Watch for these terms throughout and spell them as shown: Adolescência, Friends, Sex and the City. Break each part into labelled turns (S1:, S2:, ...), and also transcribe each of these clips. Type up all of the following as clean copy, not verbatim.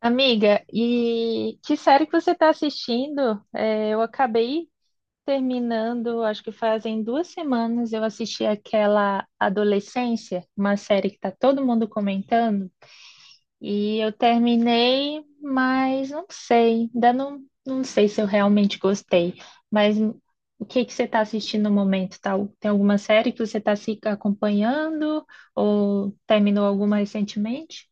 S1: Amiga, e que série que você está assistindo? Eu acabei terminando, acho que fazem duas semanas, eu assisti aquela Adolescência, uma série que está todo mundo comentando, e eu terminei, mas não sei, ainda não, não sei se eu realmente gostei. Mas o que que você está assistindo no momento? Tá, tem alguma série que você está se acompanhando ou terminou alguma recentemente?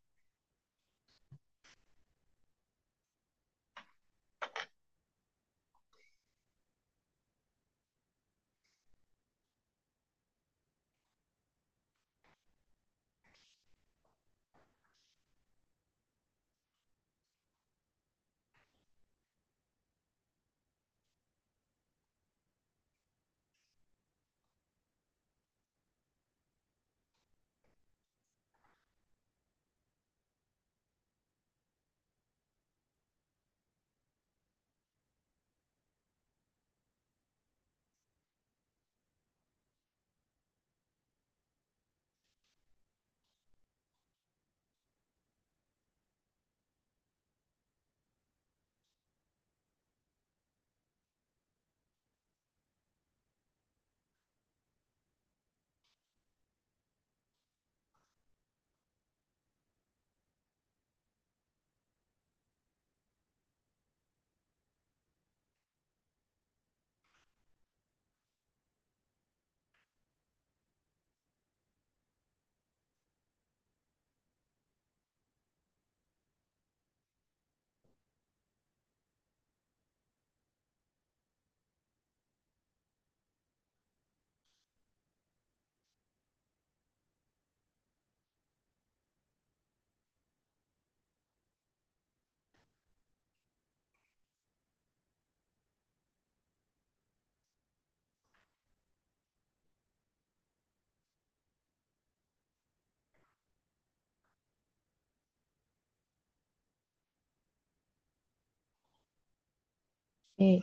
S1: É.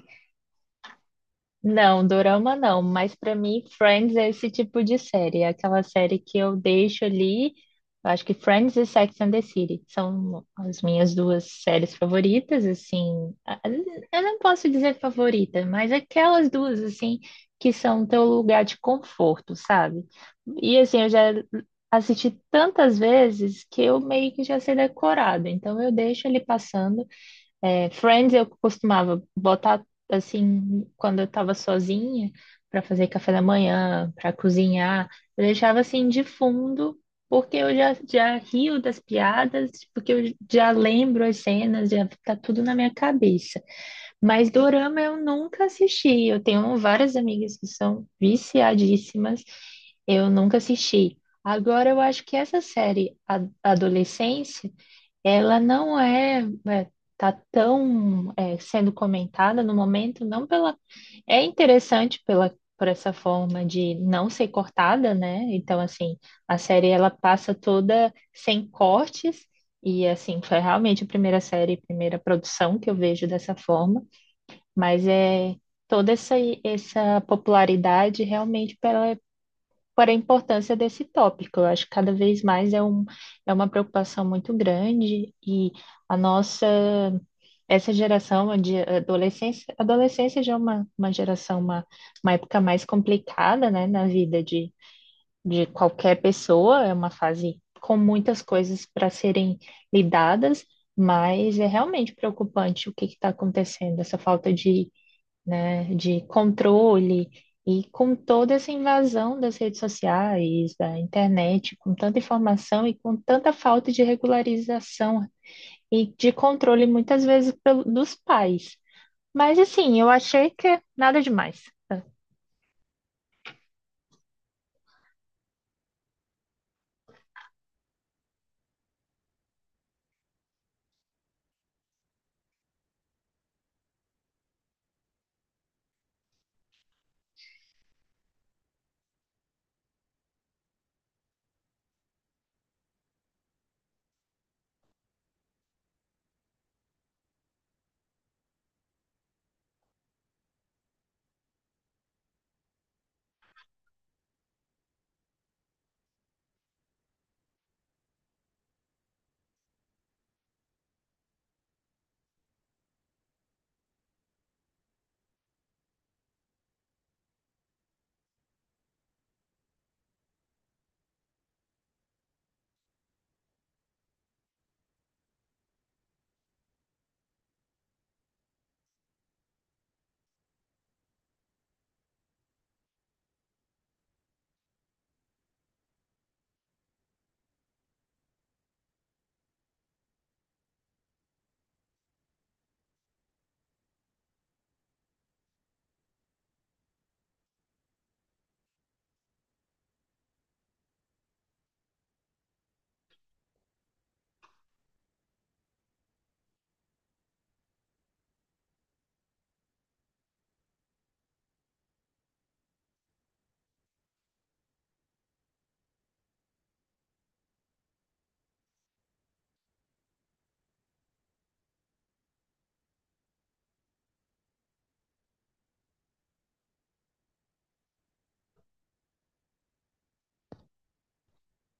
S1: Não, dorama não, mas pra mim Friends é esse tipo de série, é aquela série que eu deixo ali. Eu acho que Friends e Sex and the City são as minhas duas séries favoritas, assim. Eu não posso dizer favorita, mas aquelas duas assim que são teu lugar de conforto, sabe? E assim, eu já assisti tantas vezes que eu meio que já sei decorado, então eu deixo ele passando. É, Friends eu costumava botar assim quando eu estava sozinha para fazer café da manhã, para cozinhar, eu deixava assim de fundo porque eu já rio das piadas, porque eu já lembro as cenas, já tá tudo na minha cabeça. Mas dorama eu nunca assisti. Eu tenho várias amigas que são viciadíssimas, eu nunca assisti. Agora eu acho que essa série, a Adolescência ela não é, é, tá tão sendo comentada no momento, não pela. É interessante pela, por essa forma de não ser cortada, né? Então, assim, a série ela passa toda sem cortes, e assim, foi realmente a primeira série, primeira produção que eu vejo dessa forma, mas é toda essa, essa popularidade realmente pela por a importância desse tópico. Eu acho que cada vez mais é uma preocupação muito grande e a nossa, essa geração de adolescência, adolescência já é uma geração, uma época mais complicada, né, de qualquer pessoa, é uma fase com muitas coisas para serem lidadas, mas é realmente preocupante o que está acontecendo, essa falta de, né, de controle e com toda essa invasão das redes sociais, da internet, com tanta informação e com tanta falta de regularização e de controle, muitas vezes dos pais. Mas assim, eu achei que é nada demais.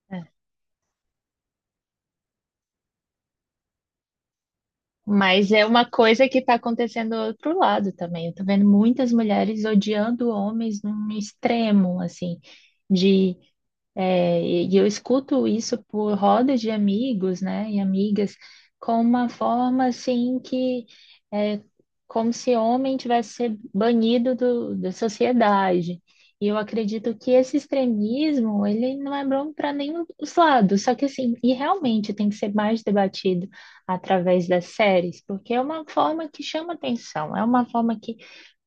S1: Né? Mas é uma coisa que está acontecendo do outro lado também. Eu estou vendo muitas mulheres odiando homens num extremo, assim, de eu escuto isso por rodas de amigos, né, e amigas, com uma forma assim que é como se homem tivesse ser banido da sociedade. E eu acredito que esse extremismo, ele não é bom para nenhum dos lados. Só que assim, e realmente tem que ser mais debatido através das séries, porque é uma forma que chama atenção, é uma forma que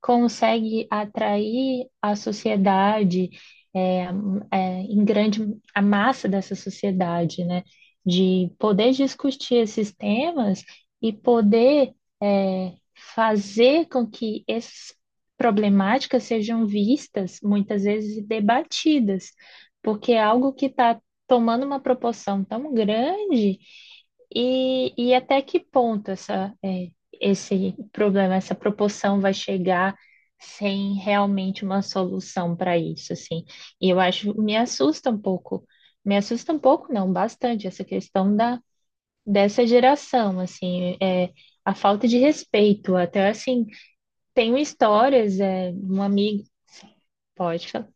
S1: consegue atrair a sociedade é, em grande a massa dessa sociedade, né? De poder discutir esses temas e poder é, fazer com que essas problemáticas sejam vistas, muitas vezes, e debatidas, porque é algo que está tomando uma proporção tão grande e até que ponto esse problema, essa proporção vai chegar sem realmente uma solução para isso, assim. Me assusta um pouco, me assusta um pouco, não, bastante, dessa geração, assim, a falta de respeito, até assim, tenho histórias, um amigo, pode falar.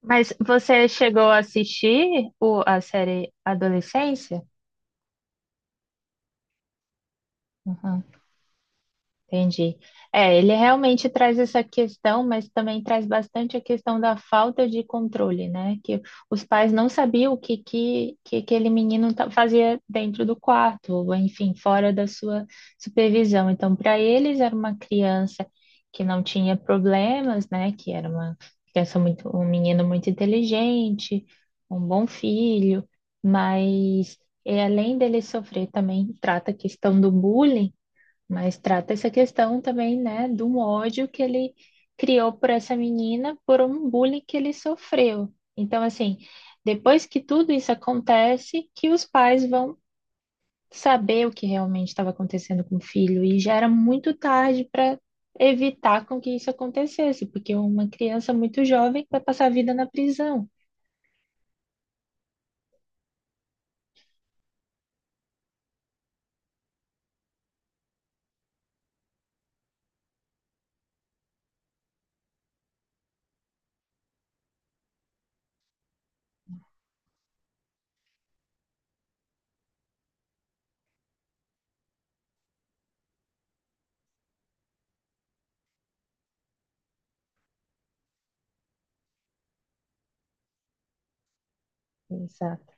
S1: Mas você chegou a assistir a série Adolescência? Uhum. Entendi. É, ele realmente traz essa questão, mas também traz bastante a questão da falta de controle, né? Que os pais não sabiam o que, que aquele menino fazia dentro do quarto, ou enfim, fora da sua supervisão. Então, para eles, era uma criança que não tinha problemas, né? Que era uma criança muito, um menino muito inteligente, um bom filho, mas e além dele sofrer, também trata a questão do bullying, mas trata essa questão também, né, do ódio que ele criou por essa menina por um bullying que ele sofreu. Então, assim, depois que tudo isso acontece, que os pais vão saber o que realmente estava acontecendo com o filho e já era muito tarde para evitar com que isso acontecesse, porque uma criança muito jovem vai passar a vida na prisão. Exato.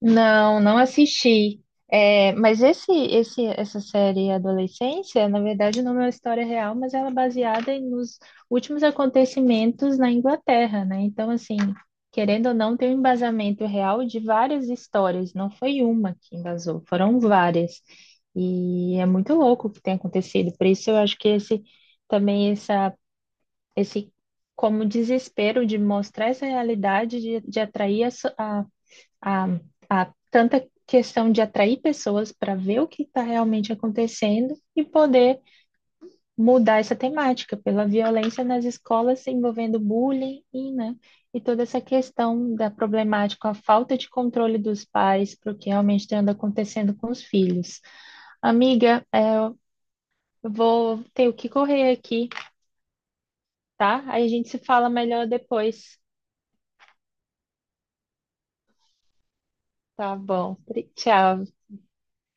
S1: Não, não assisti. É, mas essa série Adolescência, na verdade, não é uma história real, mas ela é baseada nos últimos acontecimentos na Inglaterra, né? Então, assim, querendo ou não, tem um embasamento real de várias histórias. Não foi uma que embasou, foram várias. E é muito louco o que tem acontecido. Por isso, eu acho que também essa, esse como desespero de mostrar essa realidade, de atrair a, a, a tanta questão de atrair pessoas para ver o que está realmente acontecendo e poder mudar essa temática pela violência nas escolas envolvendo bullying e, né, e toda essa questão da problemática, a falta de controle dos pais para o que realmente anda acontecendo com os filhos. Amiga, eu vou ter que correr aqui, tá? Aí a gente se fala melhor depois. Tá bom. Tchau.